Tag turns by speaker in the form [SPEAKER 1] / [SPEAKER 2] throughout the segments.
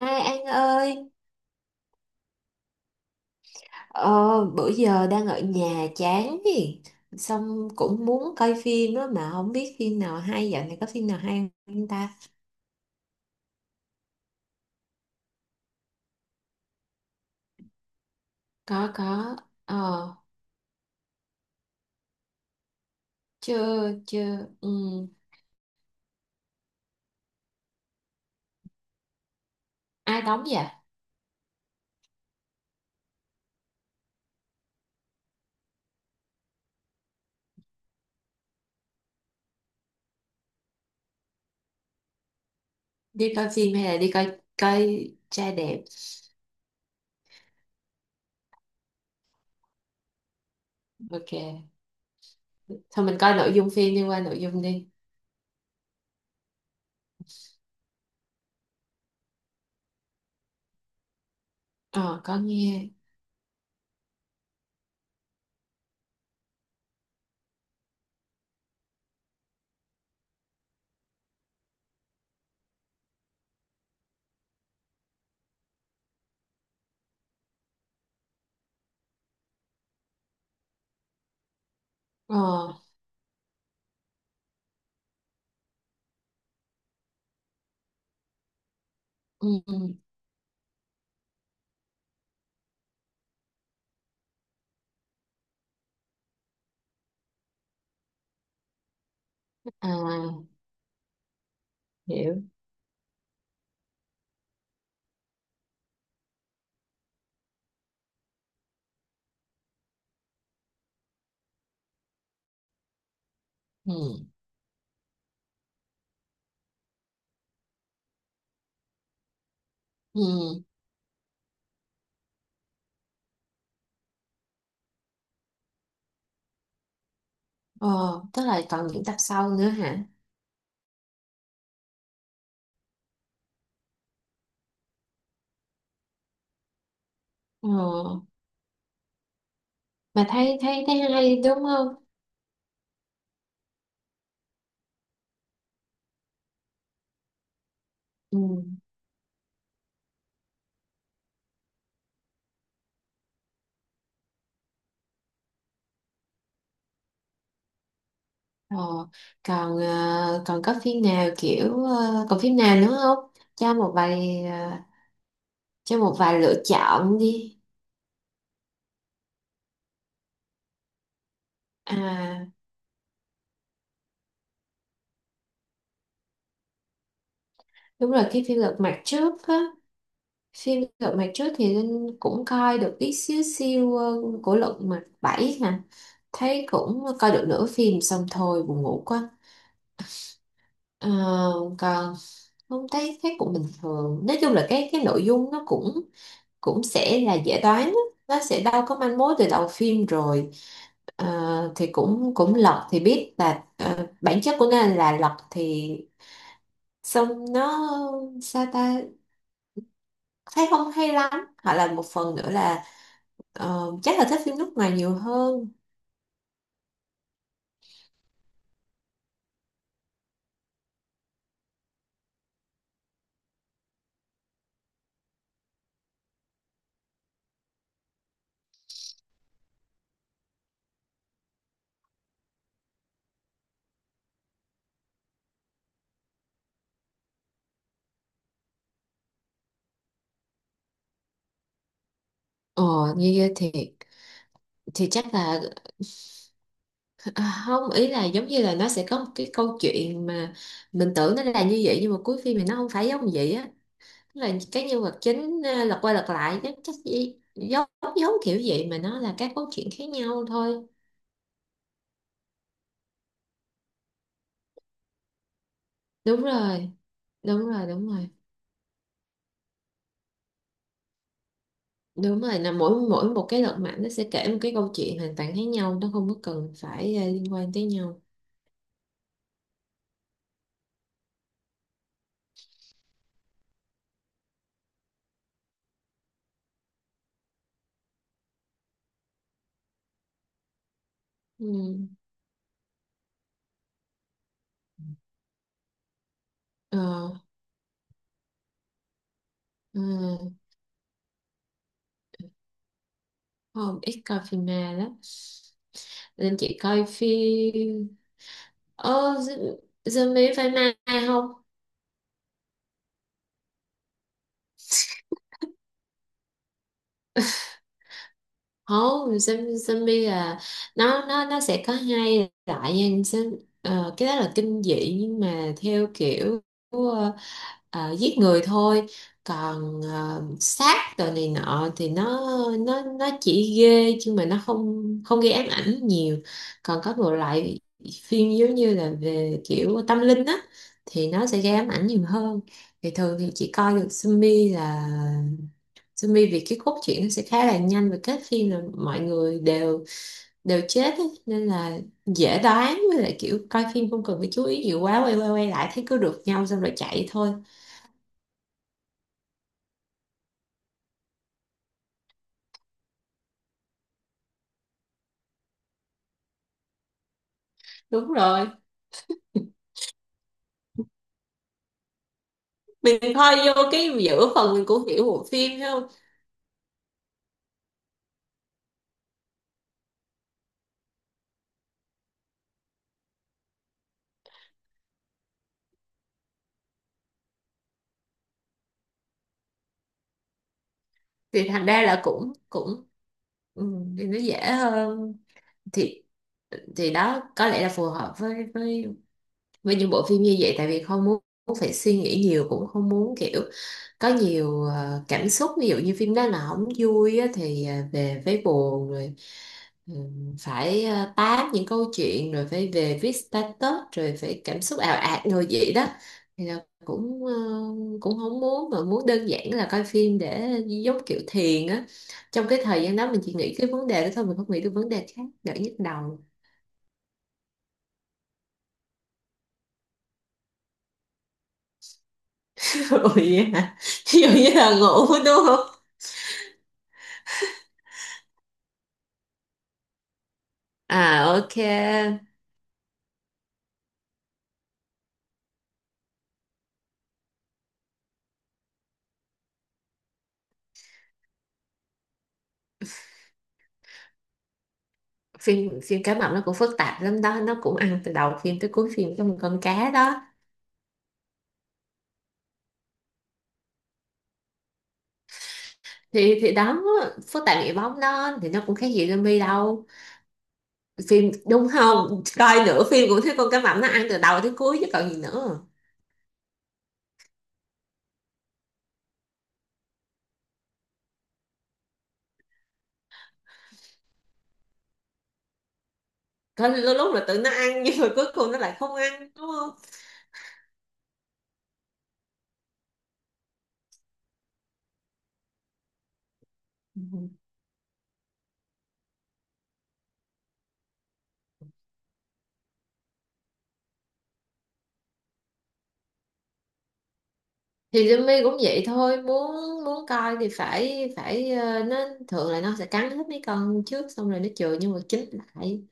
[SPEAKER 1] Hai An ơi, ờ, bữa giờ đang ở nhà chán gì, xong cũng muốn coi phim đó mà không biết phim nào hay, dạo này có phim nào hay không ta? Có, ờ, chưa chưa, ừ. Ai đóng vậy? Đi coi phim hay là đi coi coi trai đẹp? Ok, thôi mình coi nội dung phim đi qua nội dung đi. Ờ, có nghe, ờ, ừ, ừ. À, hiểu, ừ, ừ, ờ, tức là còn những tập sau nữa hả? Ờ. Mà thấy thấy thấy hay đúng không. Ừ. Ờ. Còn còn có phim nào kiểu còn phim nào nữa không, cho một vài cho một vài lựa chọn đi. À đúng rồi cái phim Lật Mặt Trước á. Phim Lật Mặt Trước thì Linh cũng coi được ít xíu xiu, của Lật Mặt 7 hả? Thấy cũng coi được nửa phim xong thôi, buồn ngủ quá. Ờ, còn không, thấy thấy cũng bình thường, nói chung là cái nội dung nó cũng cũng sẽ là dễ đoán á. Nó sẽ đâu có manh mối từ đầu phim rồi. Ờ, thì cũng cũng lật thì biết là bản chất của nó là lật thì xong nó sao ta, thấy không hay lắm. Hoặc là một phần nữa là chắc là thích phim nước ngoài nhiều hơn. Ờ. Như vậy thì chắc là. À, không, ý là giống như là nó sẽ có một cái câu chuyện mà mình tưởng nó là như vậy nhưng mà cuối phim thì nó không phải giống vậy á. Tức là cái nhân vật chính à, lật qua lật lại, chắc chắc gì giống giống kiểu vậy mà nó là các câu chuyện khác nhau thôi. Đúng rồi, đúng rồi, đúng rồi, đúng rồi. Là mỗi mỗi một cái lật mặt nó sẽ kể một cái câu chuyện hoàn toàn khác nhau, nó không có cần phải, à, liên quan tới nhau. Ừ. Ờ, ừ. Không, ít coi phim ma lắm nên chị coi phim. Ờ, zombie phải mai không? Không, zombie là nó sẽ có hai loại nha. Cái đó là kinh dị nhưng mà theo kiểu ờ, giết người thôi. Còn sát đồ này nọ thì nó chỉ ghê chứ mà nó không không gây ám ảnh nhiều. Còn có một loại phim giống như là về kiểu tâm linh á, thì nó sẽ gây ám ảnh nhiều hơn. Thì thường thì chỉ coi được zombie là zombie vì cái cốt truyện nó sẽ khá là nhanh và kết phim là mọi người đều đều chết ấy. Nên là dễ đoán, với lại kiểu coi phim không cần phải chú ý nhiều quá, quay quay quay lại thấy cứ được nhau xong rồi chạy thôi. Đúng rồi, mình coi vô cái giữa phần mình cũng hiểu bộ phim thấy không. Thì thành ra là cũng cũng ừ, thì nó dễ hơn, thì thì đó có lẽ là phù hợp với với những bộ phim như vậy, tại vì không muốn phải suy nghĩ nhiều, cũng không muốn kiểu có nhiều cảm xúc. Ví dụ như phim đó là không vui á, thì về phải buồn rồi. Ừ, phải tám những câu chuyện rồi phải về viết status rồi phải cảm xúc ào ạt rồi vậy đó. Thì là cũng cũng không muốn, mà muốn đơn giản là coi phim để giống kiểu thiền á, trong cái thời gian đó mình chỉ nghĩ cái vấn đề đó thôi, mình không nghĩ được vấn đề khác, đỡ nhức đầu. Ôi vậy hả. Ví dụ như là ngủ đúng không. À, ok. Phim phim cá mập nó cũng phức tạp lắm đó, nó cũng ăn từ đầu phim tới cuối phim trong một con cá đó. Thì đó, phức tạp nghĩa bóng đó, thì nó cũng khác gì zombie đâu. Phim đúng không, coi nửa phim cũng thấy con cá mập nó ăn từ đầu tới cuối chứ còn gì nữa. Có lúc lúc là tự nó ăn nhưng mà cuối cùng nó lại không ăn đúng không. Ừ. Thì zombie cũng vậy thôi, muốn muốn coi thì phải phải nó thường là nó sẽ cắn hết mấy con trước xong rồi nó chừa nhưng mà chín lại.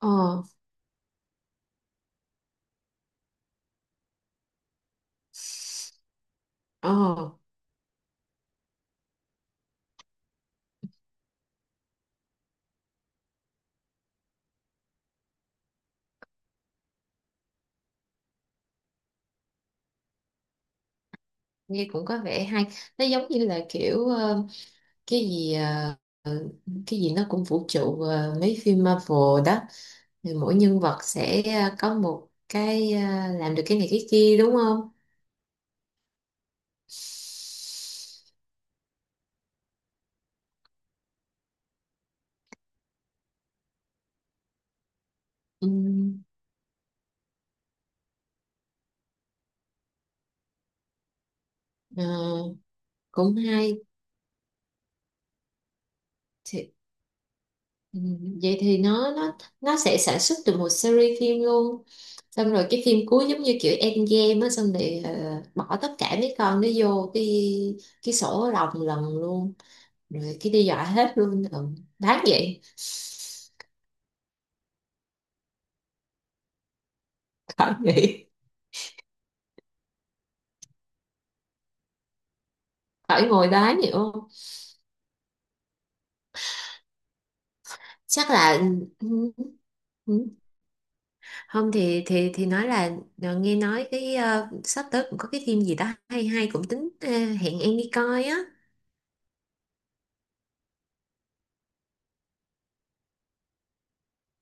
[SPEAKER 1] Ờ, ờ, nghe cũng có vẻ hay. Nó giống như là kiểu cái gì ờ, cái gì nó cũng vũ trụ mấy phim Marvel đó, thì mỗi nhân vật sẽ có một cái làm được cái này cái kia đúng không. Ừm, ờ, cũng hay. Thì, vậy thì nó sẽ sản xuất được một series phim luôn, xong rồi cái phim cuối giống như kiểu Endgame á, xong rồi bỏ tất cả mấy con nó vô cái sổ lồng lần luôn, rồi cái đi dọa hết luôn. Ừ. Đáng vậy. Khỏi nghĩ, khỏi ngồi đó nhiều không? Chắc là ừ, ừ. Không thì nói là nghe nói cái sắp tới cũng có cái phim gì đó hay hay cũng tính hẹn em đi coi á.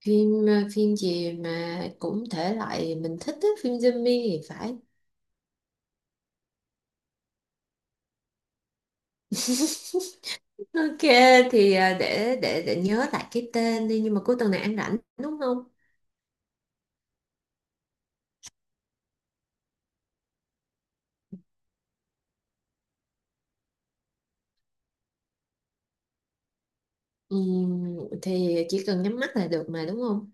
[SPEAKER 1] Phim phim gì mà cũng thể loại mình thích á, phim zombie thì phải. Ok. Thì để nhớ lại cái tên đi, nhưng mà cuối tuần này ăn rảnh đúng không. Ừm, thì chỉ cần nhắm mắt là được mà đúng không.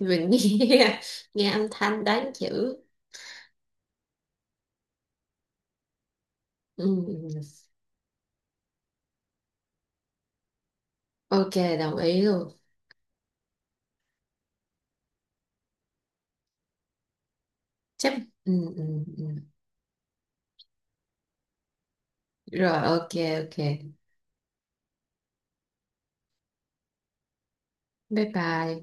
[SPEAKER 1] Mình nghe nghe âm thanh đánh chữ. Ừ. Ok đồng ý luôn. Chấp. Ừ, ừ, ừ. Rồi ok. Ok bye bye.